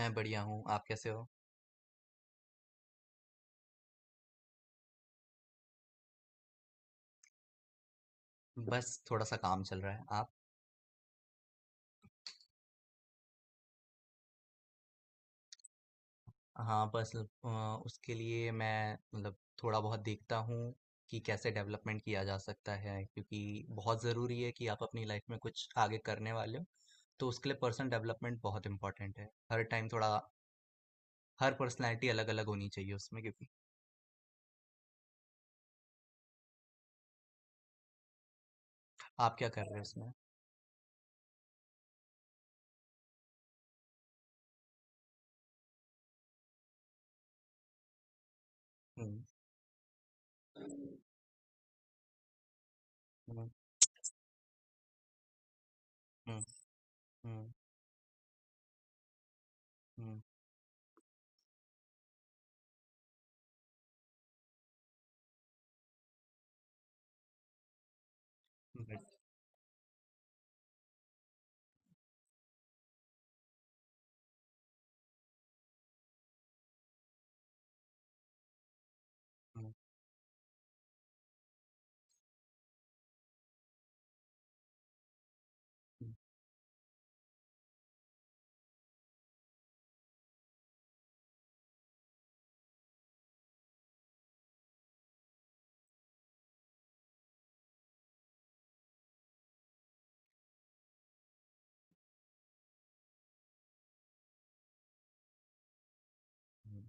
मैं बढ़िया हूँ, आप कैसे हो? बस थोड़ा-सा काम चल रहा है, आप? हाँ, बस उसके लिए मैं मतलब थोड़ा बहुत देखता हूँ कि कैसे डेवलपमेंट किया जा सकता है, क्योंकि बहुत ज़रूरी है कि आप अपनी लाइफ में कुछ आगे करने वाले हो। तो उसके लिए पर्सनल डेवलपमेंट बहुत इम्पोर्टेंट है। हर टाइम थोड़ा हर पर्सनैलिटी अलग-अलग होनी चाहिए उसमें, क्योंकि आप क्या कर रहे हो उसमें? हुँ। हुँ, हुँ, हुँ, हुँ, बट हुँ, हुँ, हुँ,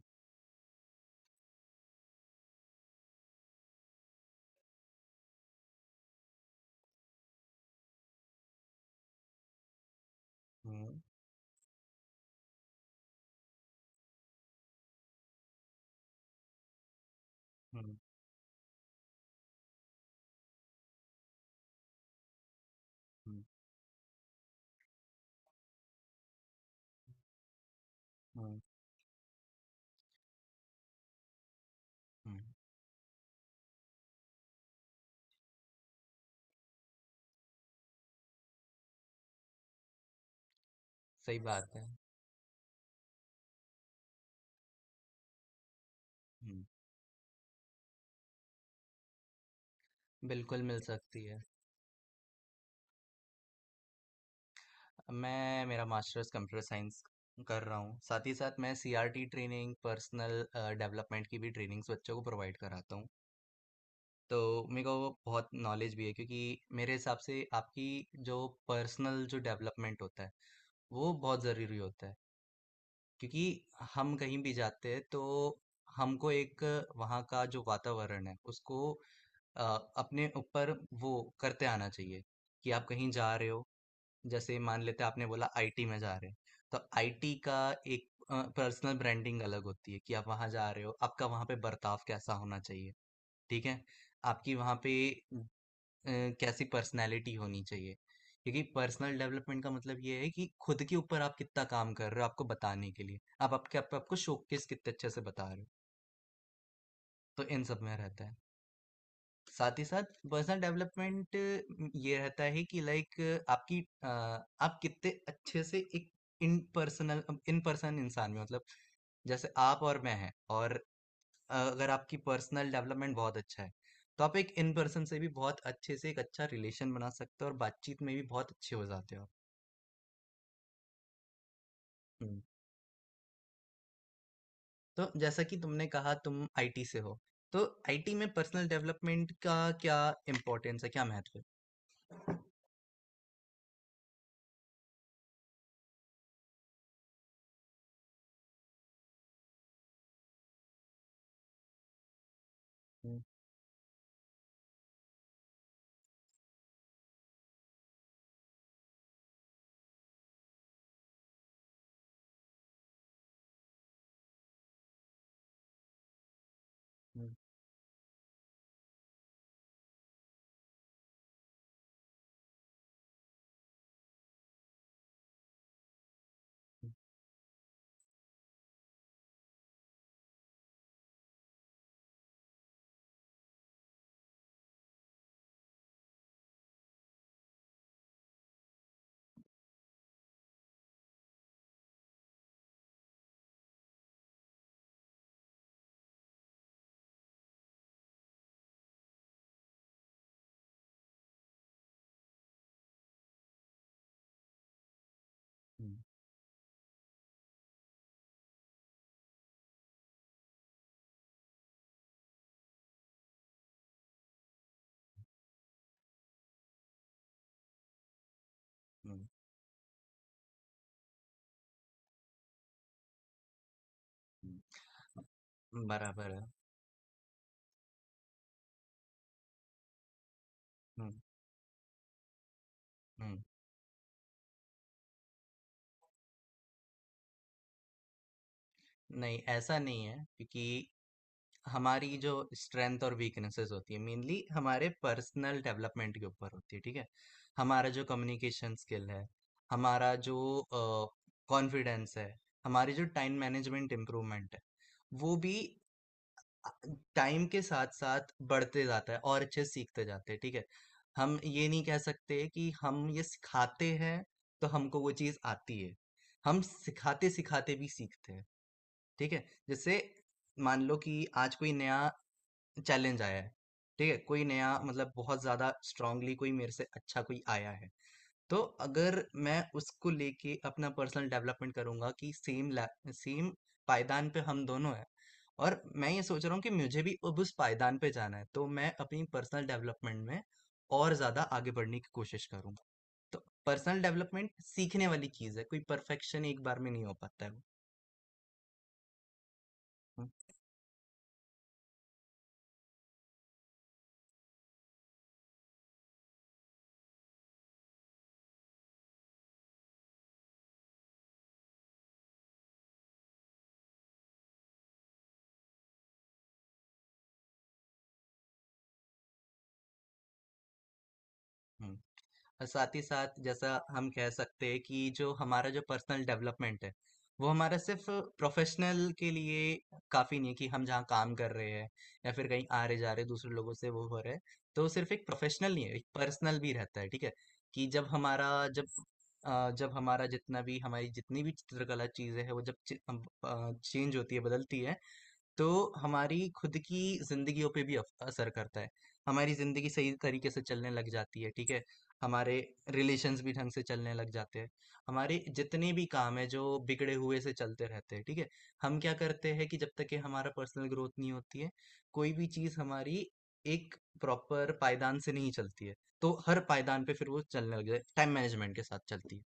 हुँ, हुँ, हुँ, हुँ, हुँ, सही बात है। हुँ। बिल्कुल मिल सकती है। मैं मेरा मास्टर्स कंप्यूटर साइंस कर रहा हूँ। साथ ही साथ मैं सीआरटी ट्रेनिंग, पर्सनल डेवलपमेंट की भी ट्रेनिंग्स बच्चों को प्रोवाइड कराता हूँ। तो मेरे को बहुत नॉलेज भी है, क्योंकि मेरे हिसाब से आपकी जो पर्सनल जो डेवलपमेंट होता है, वो बहुत ज़रूरी होता है। क्योंकि हम कहीं भी जाते हैं तो हमको एक वहाँ का जो वातावरण है उसको अ, अपने ऊपर वो करते आना चाहिए, कि आप कहीं जा रहे हो। जैसे मान लेते हैं आपने बोला आईटी में जा रहे हैं, तो आईटी का एक पर्सनल ब्रांडिंग अलग होती है कि आप वहां जा रहे हो, आपका वहां पे बर्ताव कैसा होना चाहिए, ठीक है? आपकी वहां पे अ, कैसी पर्सनैलिटी होनी चाहिए, क्योंकि पर्सनल डेवलपमेंट का मतलब ये है कि खुद के ऊपर आप कितना काम कर रहे हो, आपको बताने के लिए आपको शोकेस कितने अच्छे से बता रहे हो। तो इन सब में रहता है। साथ ही साथ पर्सनल डेवलपमेंट ये रहता है कि, लाइक, आपकी अ, आप कितने अच्छे से एक इन पर्सनल इन पर्सन इंसान में, मतलब, जैसे आप और मैं हैं। और अगर आपकी पर्सनल डेवलपमेंट बहुत अच्छा है, तो आप एक इन पर्सन से भी बहुत अच्छे से एक अच्छा रिलेशन बना सकते हो और बातचीत में भी बहुत अच्छे हो जाते हो। हम्म, तो जैसा कि तुमने कहा तुम आईटी से हो, तो आईटी में पर्सनल डेवलपमेंट का क्या इम्पोर्टेंस है, क्या महत्व है? हम्म, हम्म, हम्म, हम्म, हम्म, हम्म। बराबर है। हुँ, हुँ। नहीं, ऐसा नहीं है, क्योंकि हमारी जो स्ट्रेंथ और वीकनेसेस होती है, मेनली हमारे पर्सनल डेवलपमेंट के ऊपर होती है, ठीक है? हमारा जो कम्युनिकेशन स्किल है, हमारा जो कॉन्फिडेंस है, हमारी जो टाइम मैनेजमेंट इम्प्रूवमेंट है, वो भी टाइम के साथ साथ बढ़ते जाता है और अच्छे से सीखते जाते हैं, ठीक है। हम ये नहीं कह सकते कि हम ये सिखाते हैं, तो हमको वो चीज़ आती है। हम सिखाते सिखाते भी सीखते हैं, ठीक है। जैसे मान लो कि आज कोई नया चैलेंज आया है, ठीक है? कोई नया, मतलब, बहुत ज़्यादा स्ट्रांगली कोई मेरे से अच्छा कोई आया है। तो अगर मैं उसको लेके अपना पर्सनल डेवलपमेंट करूंगा कि सेम सेम पायदान पे हम दोनों हैं, और मैं ये सोच रहा हूँ कि मुझे भी अब उस पायदान पे जाना है, तो मैं अपनी पर्सनल डेवलपमेंट में और ज्यादा आगे बढ़ने की कोशिश करूंगा। तो पर्सनल डेवलपमेंट सीखने वाली चीज है, कोई परफेक्शन एक बार में नहीं हो पाता है वो। हम्म, हम्म। और साथ ही साथ जैसा हम कह सकते हैं कि जो हमारा जो पर्सनल डेवलपमेंट है, वो हमारा सिर्फ प्रोफेशनल के लिए काफ़ी नहीं है, कि हम जहाँ काम कर रहे हैं या फिर कहीं आ रहे जा रहे दूसरे लोगों से वो हो रहे हैं। तो सिर्फ एक प्रोफेशनल नहीं है, एक पर्सनल भी रहता है, ठीक है। कि जब जब हमारा जितना भी हमारी जितनी भी चित्रकला चीज़ें हैं वो जब चेंज होती है बदलती है, तो हमारी खुद की जिंदगियों पे भी असर करता है। हमारी जिंदगी सही तरीके से चलने लग जाती है, ठीक है। हमारे रिलेशंस भी ढंग से चलने लग जाते हैं। हमारे जितने भी काम है जो बिगड़े हुए से चलते रहते हैं, ठीक है। हम क्या करते हैं कि जब तक कि हमारा पर्सनल ग्रोथ नहीं होती है, कोई भी चीज हमारी एक प्रॉपर पायदान से नहीं चलती है। तो हर पायदान पे फिर वो चलने लग जाए, टाइम मैनेजमेंट के साथ चलती है।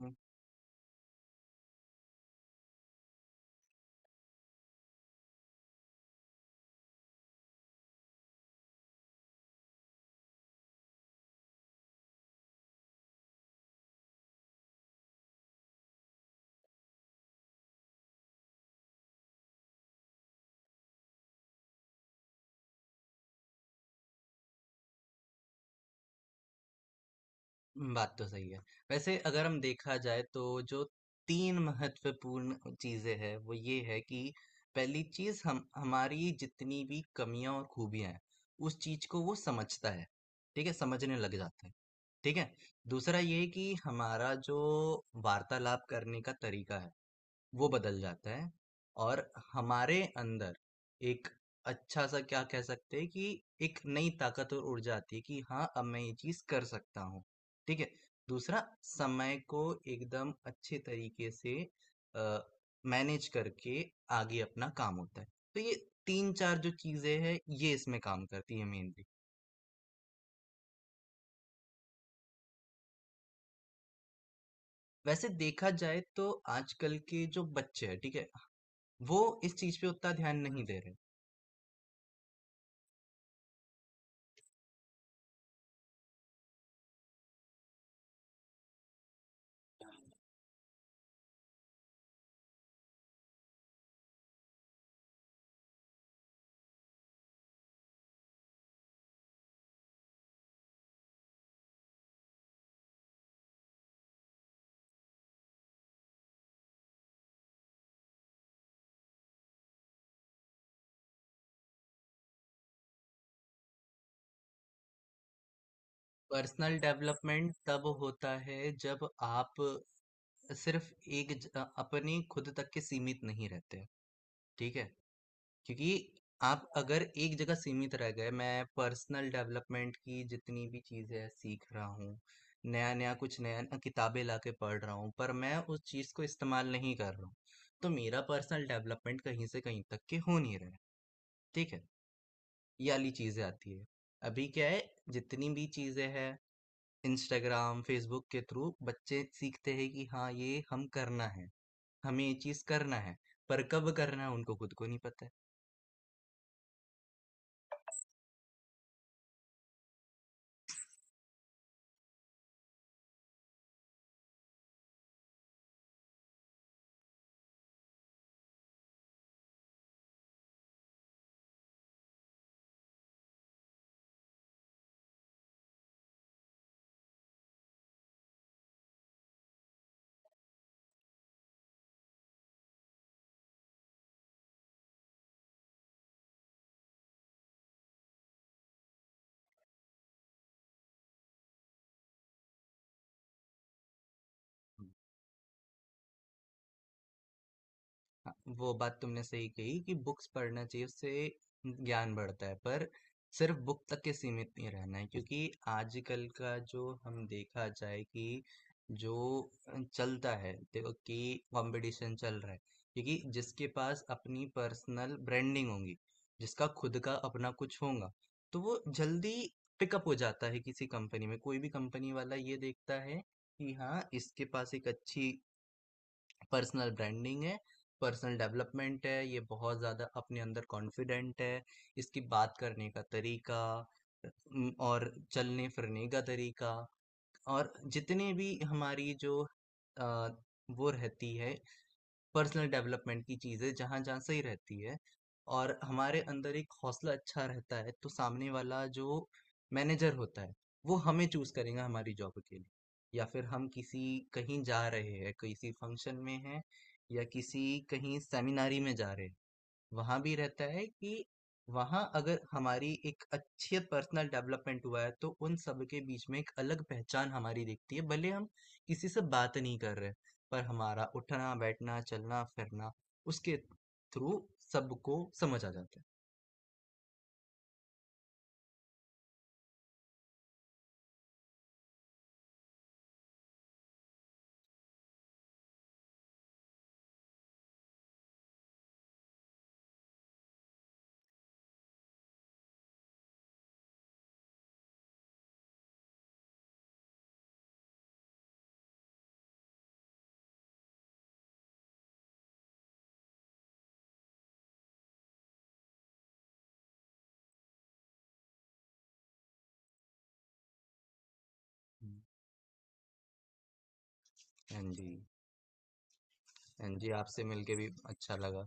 हम्म। बात तो सही है। वैसे अगर हम देखा जाए तो जो 3 महत्वपूर्ण चीज़ें हैं, वो ये है कि पहली चीज़ हम हमारी जितनी भी कमियाँ और खूबियाँ हैं, उस चीज़ को वो समझता है, ठीक है? समझने लग जाता है, ठीक है? दूसरा ये है कि हमारा जो वार्तालाप करने का तरीका है, वो बदल जाता है। और हमारे अंदर एक अच्छा सा, क्या कह सकते हैं कि, एक नई ताकत और ऊर्जा आती है कि हाँ, अब मैं ये चीज कर सकता हूँ, ठीक है। दूसरा, समय को एकदम अच्छे तरीके से मैनेज करके आगे अपना काम होता है। तो ये तीन चार जो चीजें हैं ये इसमें काम करती है, मेनली। वैसे देखा जाए तो आजकल के जो बच्चे हैं, ठीक है, वो इस चीज पे उतना ध्यान नहीं दे रहे। पर्सनल डेवलपमेंट तब होता है जब आप सिर्फ एक अपनी खुद तक के सीमित नहीं रहते, ठीक है। क्योंकि आप अगर एक जगह सीमित रह गए, मैं पर्सनल डेवलपमेंट की जितनी भी चीज़ें सीख रहा हूँ, नया नया कुछ नया नया किताबें ला के पढ़ रहा हूँ, पर मैं उस चीज़ को इस्तेमाल नहीं कर रहा हूँ, तो मेरा पर्सनल डेवलपमेंट कहीं से कहीं तक के हो नहीं रहा है, ठीक है। ये वाली चीज़ें आती है। अभी क्या है, जितनी भी चीज़ें हैं इंस्टाग्राम, फ़ेसबुक के थ्रू बच्चे सीखते हैं कि हाँ, ये हम करना है, हमें ये चीज़ करना है, पर कब करना है उनको खुद को नहीं पता है। हाँ, वो बात तुमने सही कही कि बुक्स पढ़ना चाहिए, उससे ज्ञान बढ़ता है, पर सिर्फ बुक तक के सीमित नहीं रहना है, क्योंकि आजकल का जो हम देखा जाए कि जो चलता है देखो कि कंपटीशन चल रहा है। क्योंकि जिसके पास अपनी पर्सनल ब्रांडिंग होगी, जिसका खुद का अपना कुछ होगा, तो वो जल्दी पिकअप हो जाता है किसी कंपनी में। कोई भी कंपनी वाला ये देखता है कि हाँ, इसके पास एक अच्छी पर्सनल ब्रांडिंग है, पर्सनल डेवलपमेंट है, ये बहुत ज़्यादा अपने अंदर कॉन्फिडेंट है, इसकी बात करने का तरीका, और चलने फिरने का तरीका और जितने भी हमारी जो अ, वो रहती है पर्सनल डेवलपमेंट की चीज़ें जहाँ-जहाँ सही रहती है, और हमारे अंदर एक हौसला अच्छा रहता है, तो सामने वाला जो मैनेजर होता है, वो हमें चूज़ करेगा हमारी जॉब के लिए। या फिर हम किसी कहीं जा रहे हैं, किसी फंक्शन में हैं, या किसी कहीं सेमिनारी में जा रहे हैं। वहाँ भी रहता है कि वहाँ अगर हमारी एक अच्छी पर्सनल डेवलपमेंट हुआ है, तो उन सब के बीच में एक अलग पहचान हमारी दिखती है, भले हम किसी से बात नहीं कर रहे, पर हमारा उठना बैठना चलना फिरना उसके थ्रू सबको समझ आ जाता है। हम्म। हाँ जी। हाँ जी, आपसे मिलके भी अच्छा लगा।